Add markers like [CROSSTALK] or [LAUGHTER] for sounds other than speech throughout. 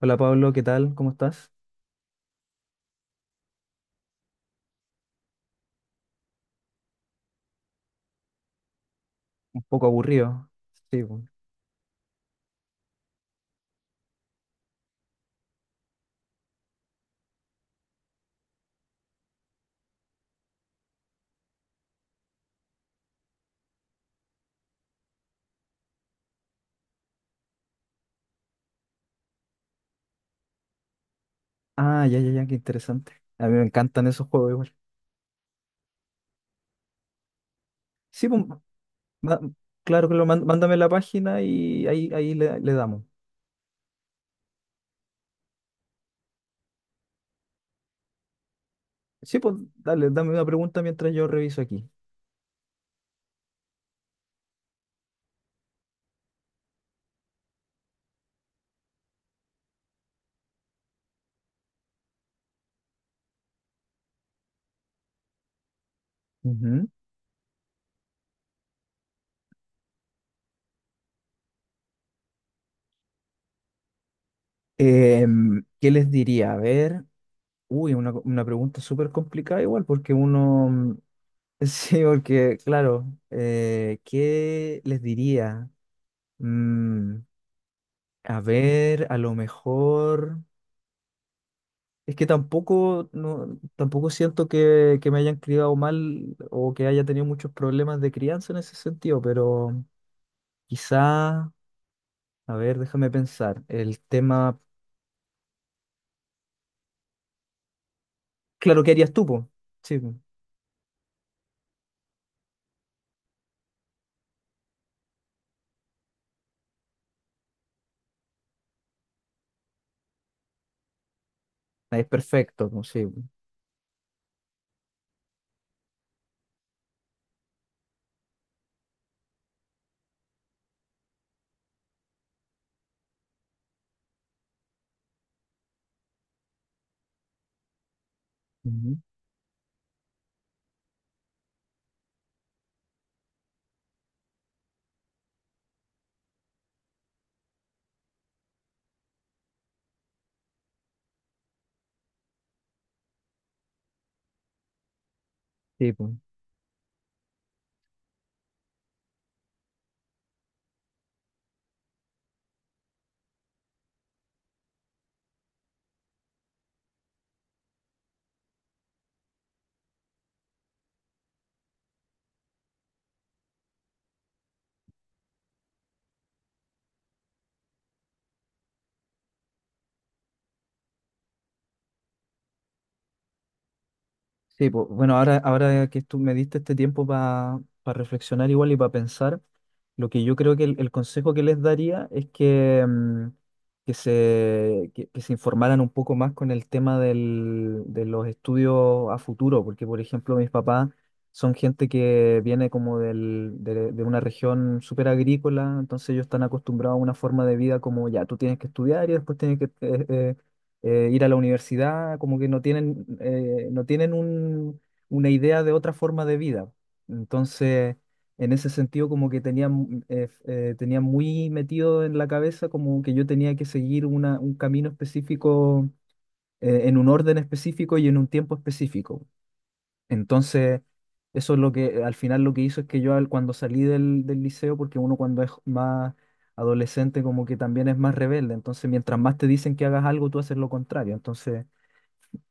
Hola Pablo, ¿qué tal? ¿Cómo estás? Un poco aburrido. Sí, pues. Ah, ya, ya, ya, qué interesante. A mí me encantan esos juegos igual. Sí, pues, ma- claro, claro, mándame la página y ahí, ahí le damos. Sí, pues, dale, dame una pregunta mientras yo reviso aquí. Ujú. ¿Qué les diría? A ver, uy, una pregunta súper complicada igual, porque uno, mm, [LAUGHS] sí, porque, claro, ¿qué les diría? Mm, a ver, a lo mejor. Es que tampoco, no, tampoco siento que, me hayan criado mal o que haya tenido muchos problemas de crianza en ese sentido, pero quizá, a ver, déjame pensar, el tema, claro, ¿qué harías tú, po? Sí, po. Nadie es perfecto, po, sí, po. Ujú. Sí, po. Sí, pues, bueno, ahora, ahora que tú me diste este tiempo para reflexionar igual y para pensar, lo que yo creo que el consejo que les daría es que, mm, que se informaran un poco más con el tema de los estudios a futuro, porque por ejemplo mis papás son gente que viene como de una región súper agrícola, entonces ellos están acostumbrados a una forma de vida como ya, tú tienes que estudiar y después tienes que ir a la universidad, como que no tienen, no tienen una idea de otra forma de vida. Entonces, en ese sentido, como que tenía, mm, tenía muy metido en la cabeza como que yo tenía que seguir un camino específico, en un orden específico y en un tiempo específico. Entonces, eso es lo que al final lo que hizo es que yo cuando salí del liceo, porque uno cuando es más adolescente como que también es más rebelde, entonces mientras más te dicen que hagas algo, tú haces lo contrario. Entonces,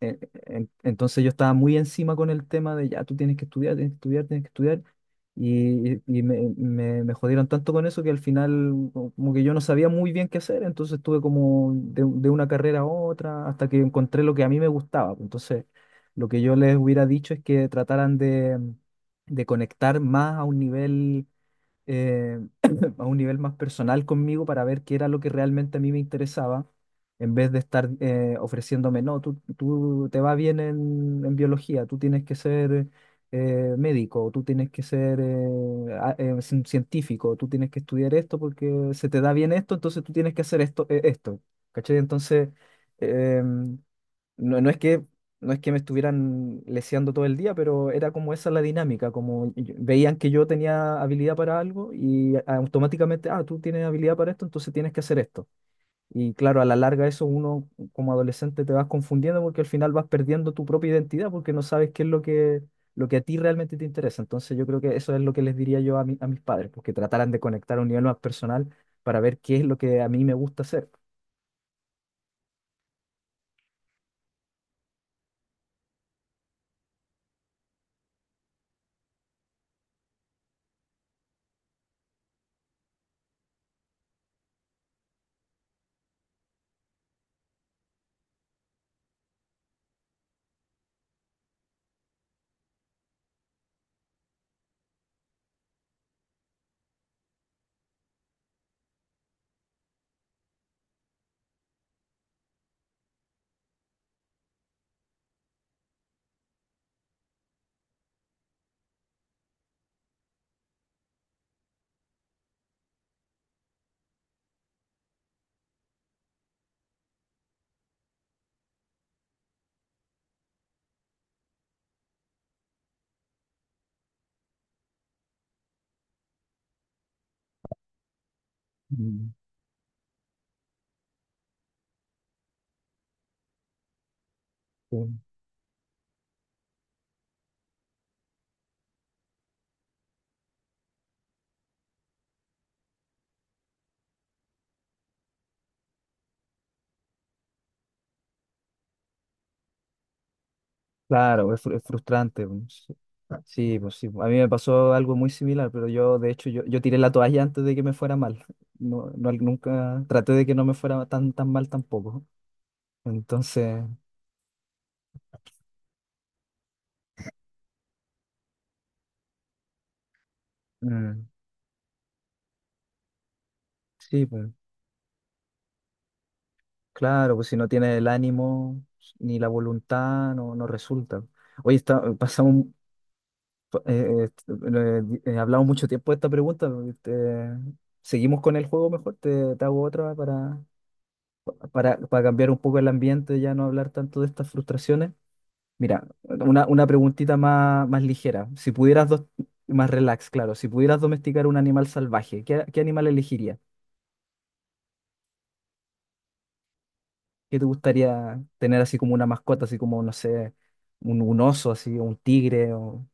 eh, entonces yo estaba muy encima con el tema de ya, tú tienes que estudiar, tienes que estudiar, tienes que estudiar. Y, me jodieron tanto con eso que al final como que yo no sabía muy bien qué hacer, entonces estuve como de una carrera a otra hasta que encontré lo que a mí me gustaba, pues. Entonces lo que yo les hubiera dicho es que trataran de conectar más a un nivel eh, [CLEARS THROAT] a un nivel más personal conmigo para ver qué era lo que realmente a mí me interesaba, en vez de estar ofreciéndome, no, tú te va bien en biología, tú tienes que ser médico, tú tienes que ser científico, tú tienes que estudiar esto porque se te da bien esto, entonces tú tienes que hacer esto, esto, ¿cachai? Entonces em, no, no es que me estuvieran leseando todo el día, pero era como esa la dinámica, como veían que yo tenía habilidad para algo y automáticamente, ah, tú tienes habilidad para esto, entonces tienes que hacer esto. Y claro, a la larga eso uno como adolescente te vas confundiendo porque al final vas perdiendo tu propia identidad porque no sabes qué es lo que a ti realmente te interesa. Entonces yo creo que eso es lo que les diría yo a, a mis padres, porque trataran de conectar a un nivel más personal para ver qué es lo que a mí me gusta hacer. Mm, sí. Claro, es, es frustrante, pues. Sí, sí, pues sí. A mí me pasó algo muy similar, pero yo, de hecho, yo tiré la toalla antes de que me fuera mal. No, nunca traté de que no me fuera tan, tan mal tampoco. Entonces, mm, sí, pues claro, pues si no tienes el ánimo ni la voluntad, no, no resulta. Oye, está, pasamos, hablamos mucho tiempo de esta pregunta. Este, seguimos con el juego mejor, te hago otra para, para cambiar un poco el ambiente, ya no hablar tanto de estas frustraciones. Mira, una preguntita más, más ligera. Si pudieras, dos, más relax, claro, si pudieras domesticar un animal salvaje, ¿qué, qué animal elegirías? ¿Qué te gustaría tener así como una mascota, así como, no sé, un oso, así, o un tigre, o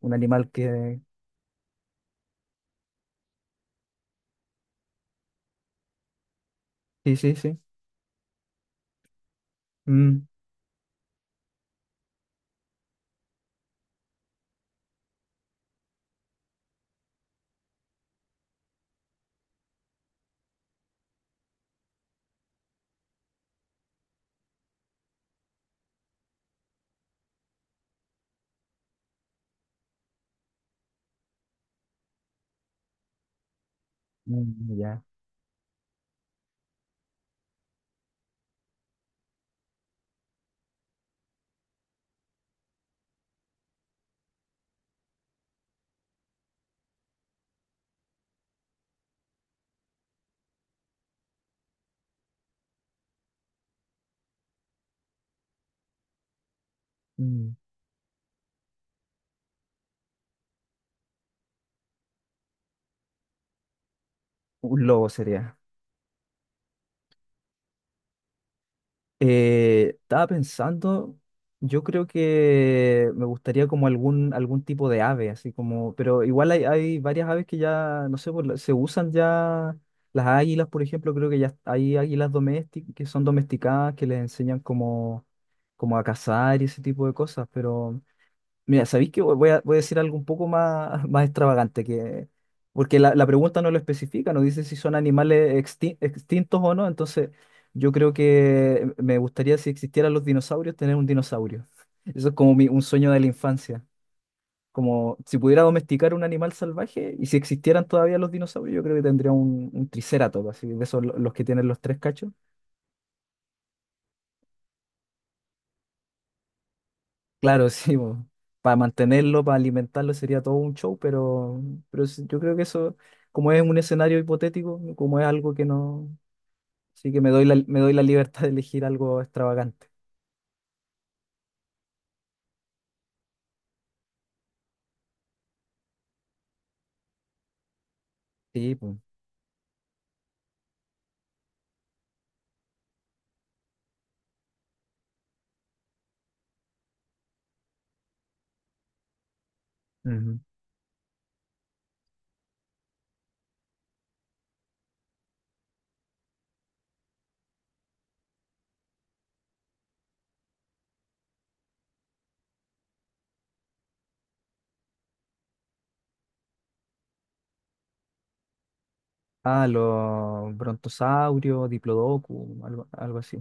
un animal que? Sí, sí, sí. Mm, mm, ya. Mm. Un lobo sería. Estaba pensando, yo creo que me gustaría como algún, algún tipo de ave, así como, pero igual hay, hay varias aves que ya, no sé, se usan ya, las águilas, por ejemplo, creo que ya hay águilas domésticas que son domesticadas, que les enseñan como, como a cazar y ese tipo de cosas, pero mira, ¿sabéis que voy a, voy a decir algo un poco más, [LAUGHS] más extravagante? Que, porque la pregunta no lo especifica, no dice si son animales extintos o no, entonces yo creo que me gustaría si existieran los dinosaurios, tener un dinosaurio. [LAUGHS] Eso es como un sueño de la infancia. Como si pudiera domesticar un animal salvaje y si existieran todavía los dinosaurios, yo creo que tendría un triceratops, así, de esos los que tienen los tres cachos. Claro, [LAUGHS] sí, para mantenerlo, para alimentarlo sería todo un show, pero sí, yo creo que eso, como es un escenario hipotético, como es algo que no, sí que me doy la libertad de elegir algo extravagante. Sí, pues. Ujú. Ah, los brontosaurios, diplodocus, algo, algo así.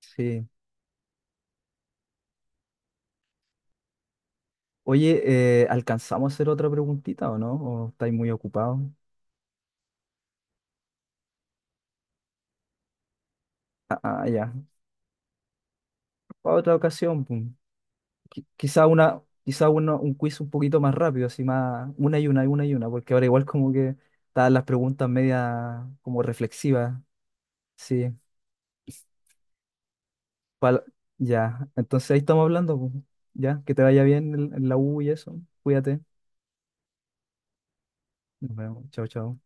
Sí. Oye, ¿alcanzamos a hacer otra preguntita o no? ¿O estáis muy ocupados? Ah, ah, ya. Para otra ocasión, pues. Quizá una, quizá un quiz un poquito más rápido, así más, una y una, y una y una, porque ahora igual como que están las preguntas media como reflexivas, sí, pal- ya, entonces ahí estamos hablando, pues. Ya, que te vaya bien en la U y eso, cuídate, nos vemos, chao, chao.